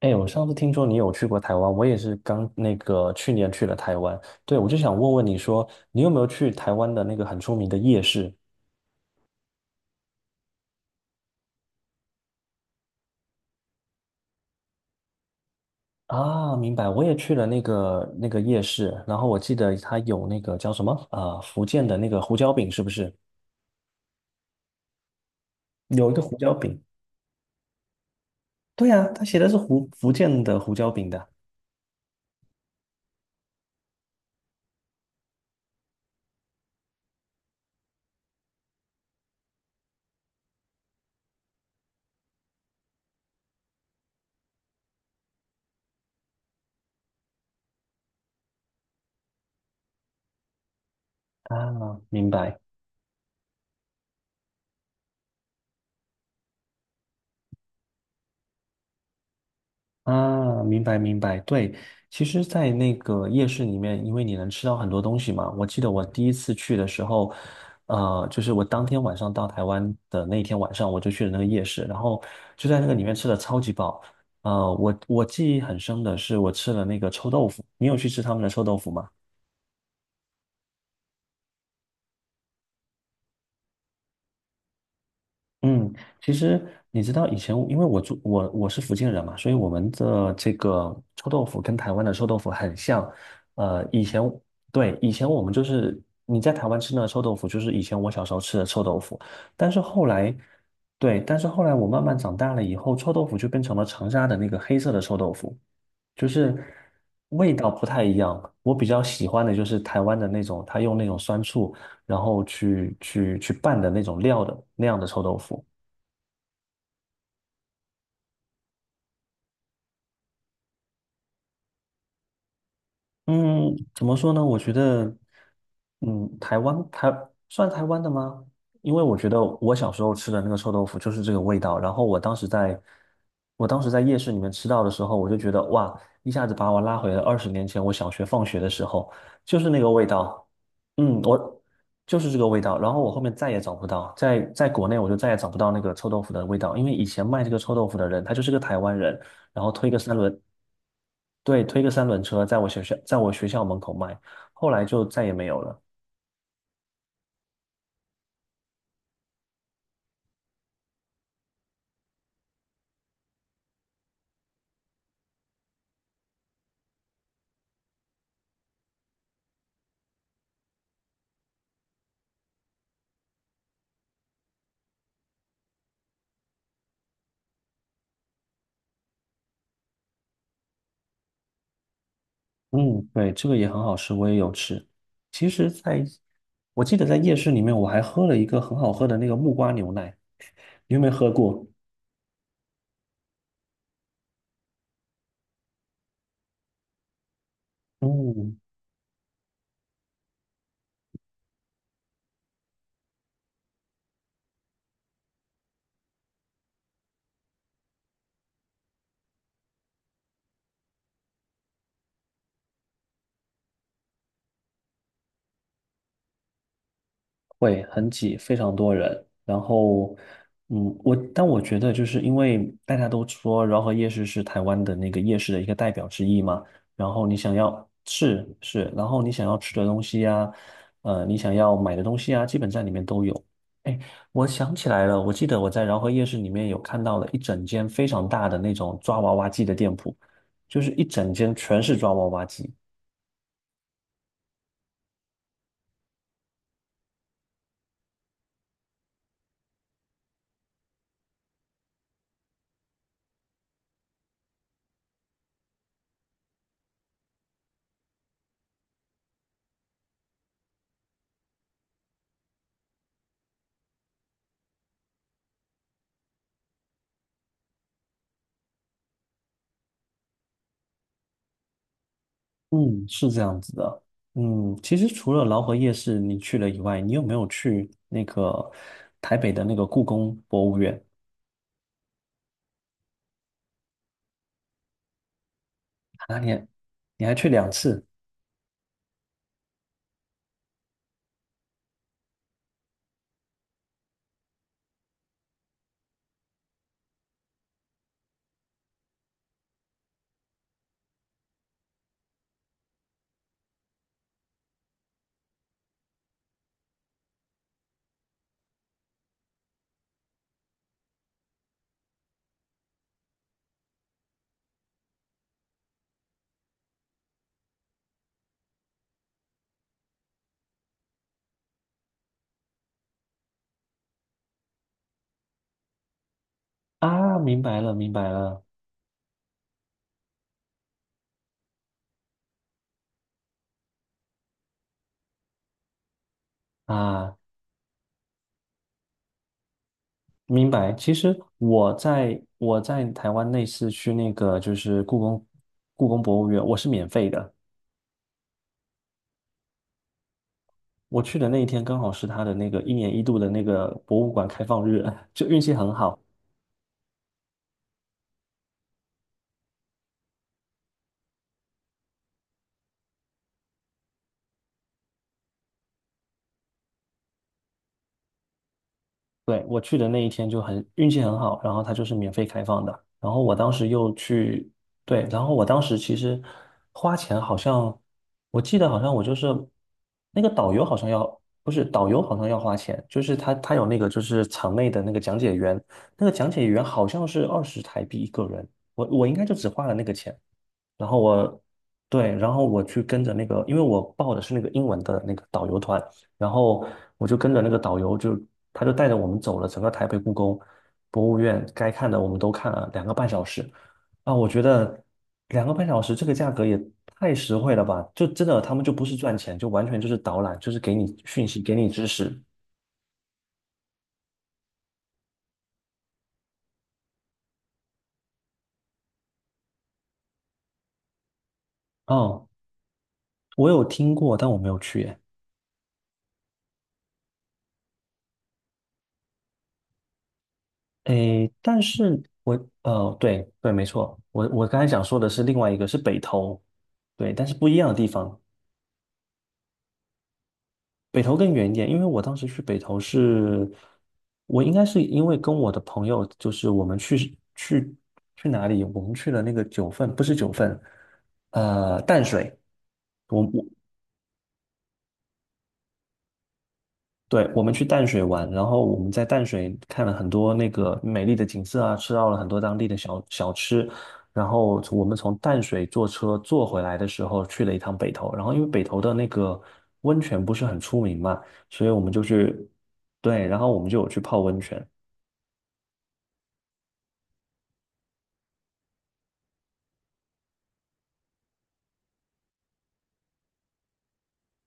哎，我上次听说你有去过台湾，我也是刚去年去了台湾。对，我就想问问你说，你有没有去台湾的那个很出名的夜市啊？明白，我也去了那个夜市，然后我记得它有那个叫什么啊、福建的那个胡椒饼是不是？有一个胡椒饼，对啊，它写的是福建的胡椒饼的啊，明白。啊，明白明白，对，其实，在那个夜市里面，因为你能吃到很多东西嘛。我记得我第一次去的时候，就是我当天晚上到台湾的那一天晚上，我就去了那个夜市，然后就在那个里面吃的超级饱。我记忆很深的是，我吃了那个臭豆腐。你有去吃他们的臭豆腐吗？嗯，其实你知道以前，因为我住我我是福建人嘛，所以我们的这个臭豆腐跟台湾的臭豆腐很像。呃，以前对，以前我们就是你在台湾吃的臭豆腐，就是以前我小时候吃的臭豆腐。但是后来，对，但是后来我慢慢长大了以后，臭豆腐就变成了长沙的那个黑色的臭豆腐，就是味道不太一样。我比较喜欢的就是台湾的那种，他用那种酸醋，然后去拌的那种料的那样的臭豆腐。嗯，怎么说呢？我觉得，嗯，台湾台算台湾的吗？因为我觉得我小时候吃的那个臭豆腐就是这个味道。然后我当时在夜市里面吃到的时候，我就觉得哇，一下子把我拉回了20年前我小学放学的时候，就是那个味道。嗯，我就是这个味道。然后我后面再也找不到，在国内我就再也找不到那个臭豆腐的味道，因为以前卖这个臭豆腐的人他就是个台湾人。然后推个三轮，对，推个三轮车，在我学校门口卖，后来就再也没有了。嗯，对，这个也很好吃，我也有吃。其实在，我记得在夜市里面，我还喝了一个很好喝的那个木瓜牛奶，你有没有喝过？嗯，会很挤，非常多人。然后，但我觉得就是因为大家都说饶河夜市是台湾的那个夜市的一个代表之一嘛，然后你想要是是，然后你想要吃的东西呀、你想要买的东西啊，基本在里面都有。哎，我想起来了，我记得我在饶河夜市里面有看到了一整间非常大的那种抓娃娃机的店铺，就是一整间全是抓娃娃机。嗯，是这样子的。其实除了劳合夜市你去了以外，你有没有去那个台北的那个故宫博物院？啊，你还去两次啊？明白了，明白了啊，明白。其实我在台湾那次去那个就是故宫博物院，我是免费的。我去的那一天刚好是他的那个一年一度的那个博物馆开放日，就运气很好。对，我去的那一天就很运气很好，然后它就是免费开放的。然后我当时又去，对，然后我当时其实花钱好像，我记得好像我就是那个导游好像要，不是导游好像要花钱，就是他有那个就是场内的那个讲解员，那个讲解员好像是20台币一个人，我应该就只花了那个钱。然后对，然后我去跟着那个，因为我报的是那个英文的那个导游团，然后我就跟着那个导游就，他就带着我们走了整个台北故宫博物院，该看的我们都看了两个半小时。啊，我觉得两个半小时这个价格也太实惠了吧！就真的他们就不是赚钱，就完全就是导览，就是给你讯息，给你知识。哦，我有听过，但我没有去耶。诶，但是我呃，对对，没错，我刚才想说的是另外一个是北投，对，但是不一样的地方，北投更远一点，因为我当时去北投是，我应该是因为跟我的朋友，就是我们去去去哪里，我们去了那个九份，不是九份，淡水，我我对，我们去淡水玩，然后我们在淡水看了很多那个美丽的景色啊，吃到了很多当地的小吃，然后从我们从淡水坐车坐回来的时候去了一趟北投，然后因为北投的那个温泉不是很出名嘛，所以我们就去，对，然后我们就有去泡温泉，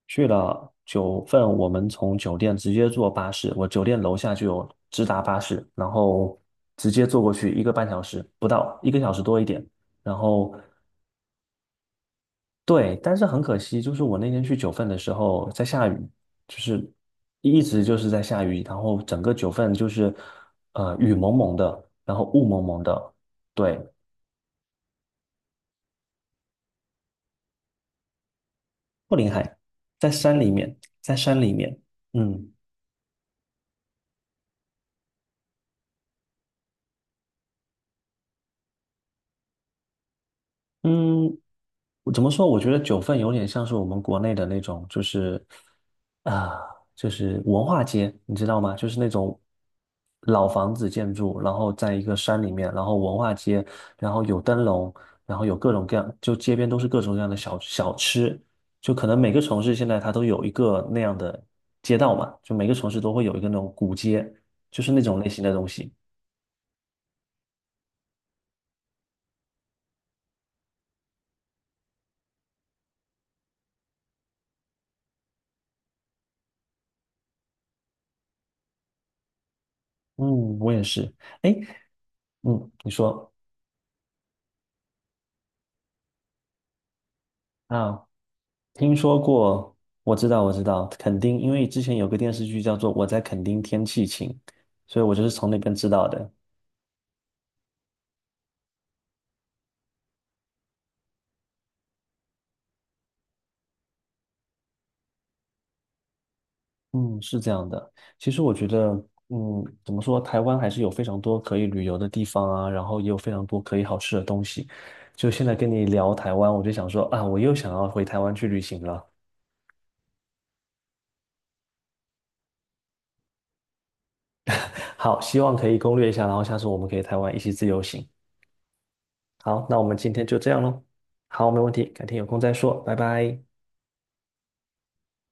去了九份，我们从酒店直接坐巴士，我酒店楼下就有直达巴士，然后直接坐过去1个半小时不到，1个小时多一点。然后对，但是很可惜，就是我那天去九份的时候在下雨，就是一直就是在下雨，然后整个九份就是雨蒙蒙的，然后雾蒙蒙的，对，不临海，在山里面，在山里面，嗯嗯，我怎么说？我觉得九份有点像是我们国内的那种，就是啊、就是文化街，你知道吗？就是那种老房子建筑，然后在一个山里面，然后文化街，然后有灯笼，然后有各种各样，就街边都是各种各样的小吃，就可能每个城市现在它都有一个那样的街道嘛，就每个城市都会有一个那种古街，就是那种类型的东西。嗯，我也是。哎，嗯，你说啊？听说过，我知道，我知道，垦丁，因为之前有个电视剧叫做《我在垦丁天气晴》，所以我就是从那边知道的。嗯，是这样的。其实我觉得，嗯，怎么说，台湾还是有非常多可以旅游的地方啊，然后也有非常多可以好吃的东西。就现在跟你聊台湾，我就想说啊，我又想要回台湾去旅行了。好，希望可以攻略一下，然后下次我们可以台湾一起自由行。好，那我们今天就这样喽。好，没问题，改天有空再说，拜拜。